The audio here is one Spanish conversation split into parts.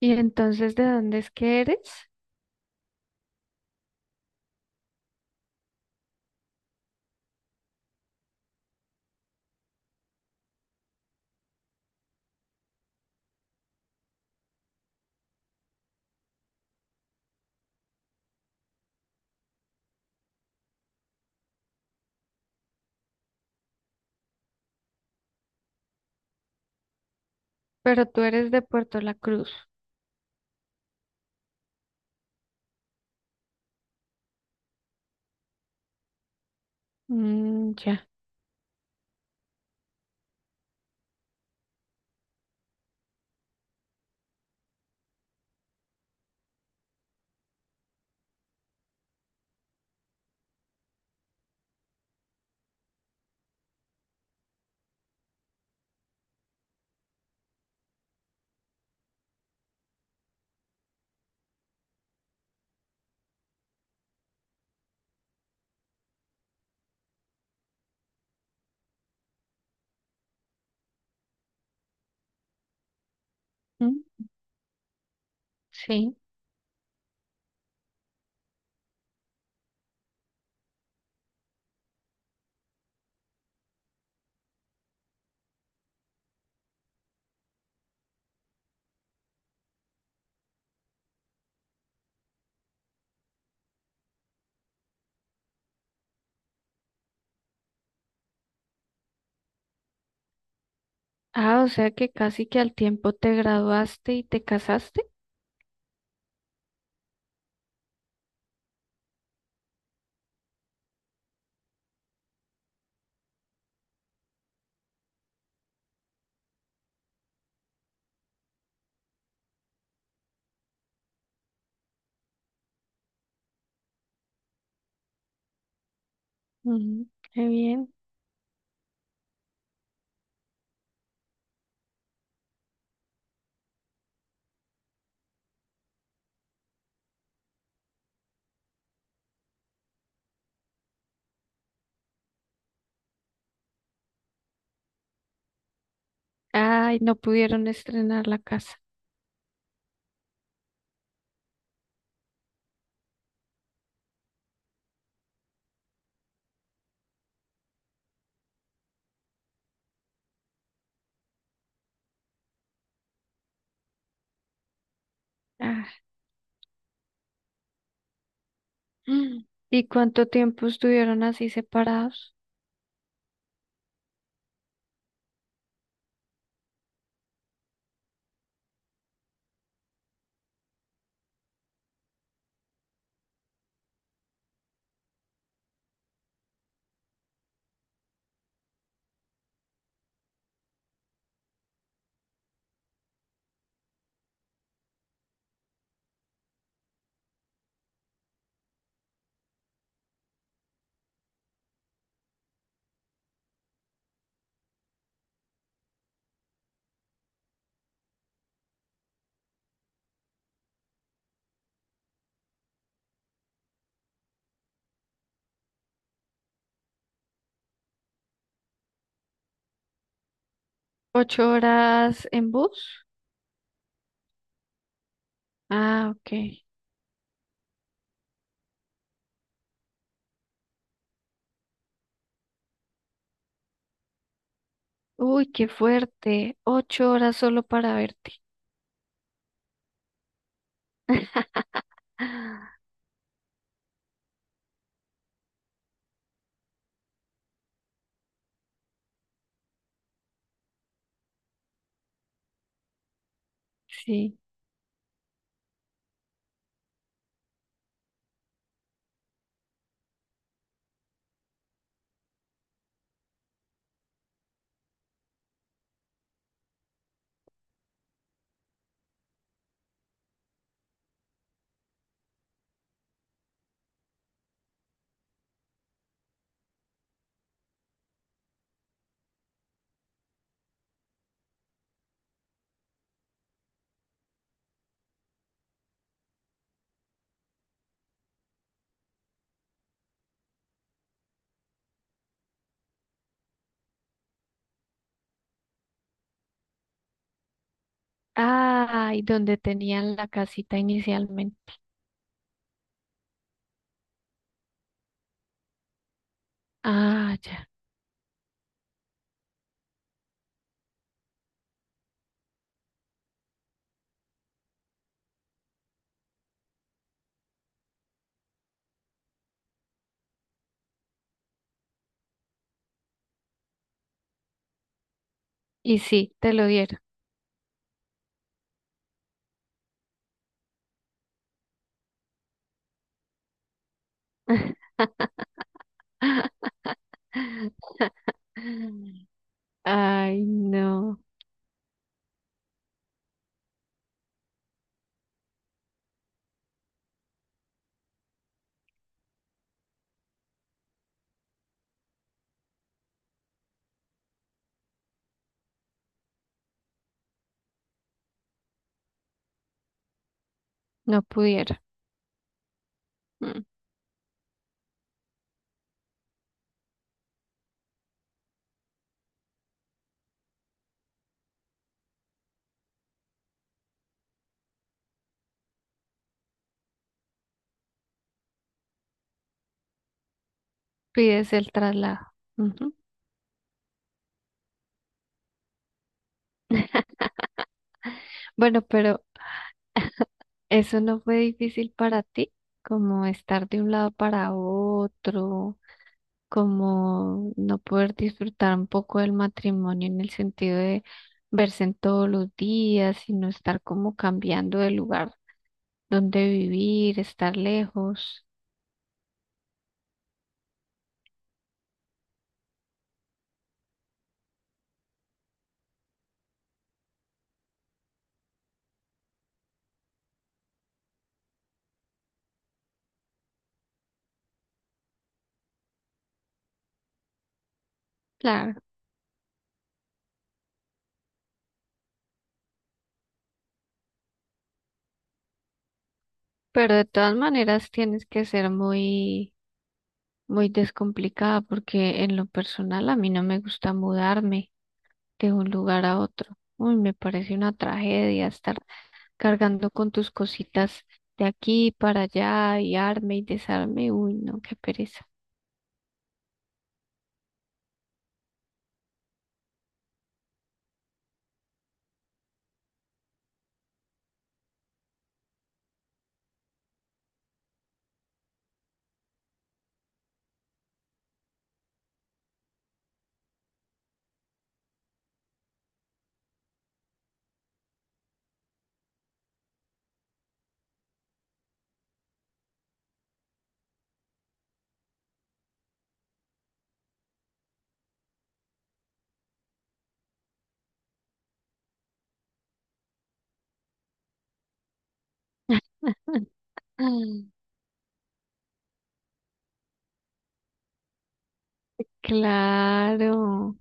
Y entonces, ¿de dónde es que eres? Pero tú eres de Puerto La Cruz. Mm, ya. Mm, sí. Ah, o sea que casi que al tiempo te graduaste y te casaste. Mm, qué bien. Ay, no pudieron estrenar la casa. Ah. Mm. ¿Y cuánto tiempo estuvieron así separados? ¿Ocho horas en bus? Ah, ok. Uy, qué fuerte. Ocho horas solo para verte. Sí. Ay, donde tenían la casita inicialmente. Ah, ya. Y sí, te lo dieron. Ay, no, no pudieron. Mm. Pides el traslado. Ujú. Bueno, pero eso no fue difícil para ti, como estar de un lado para otro, como no poder disfrutar un poco del matrimonio en el sentido de verse en todos los días, sino estar como cambiando de lugar dónde vivir, estar lejos, claro, pero de todas maneras tienes que ser muy, muy descomplicada porque en lo personal a mí no me gusta mudarme de un lugar a otro. Uy, me parece una tragedia estar cargando con tus cositas de aquí para allá y arme y desarme. Uy, no, qué pereza. Claro,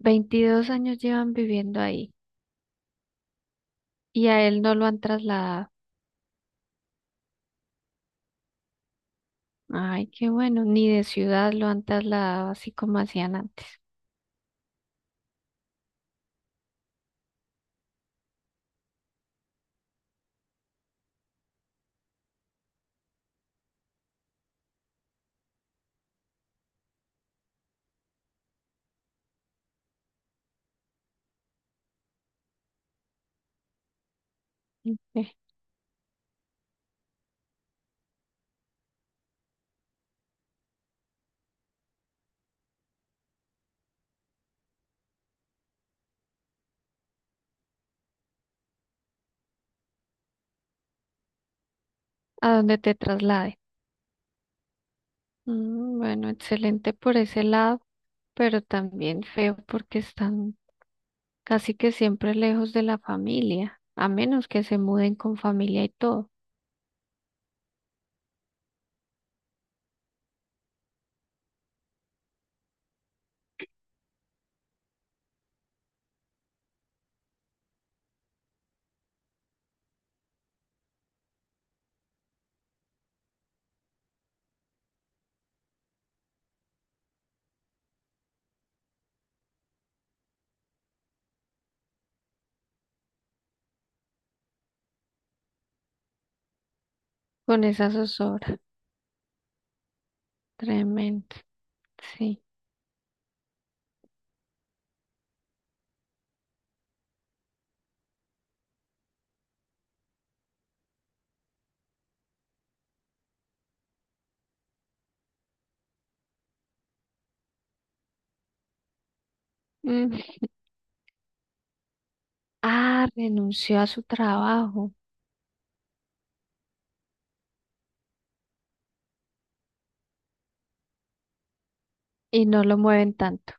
22 años llevan viviendo ahí y a él no lo han trasladado. Ay, qué bueno, ni de ciudad lo han trasladado así como hacían antes, ¿eh? A donde te traslade. Mm, bueno, excelente por ese lado, pero también feo porque están casi que siempre lejos de la familia, a menos que se muden con familia y todo, con esa zozobra. Tremendo, sí. Mm. Ah, renunció a su trabajo y no lo mueven tanto.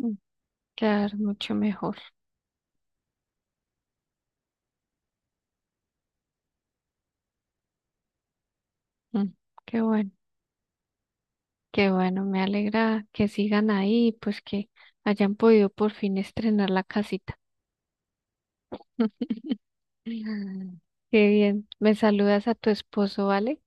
Mm. Claro, mucho mejor. Mm. Qué bueno. Qué bueno, me alegra que sigan ahí y pues que hayan podido por fin estrenar la casita. Qué bien. Me saludas a tu esposo, ¿vale?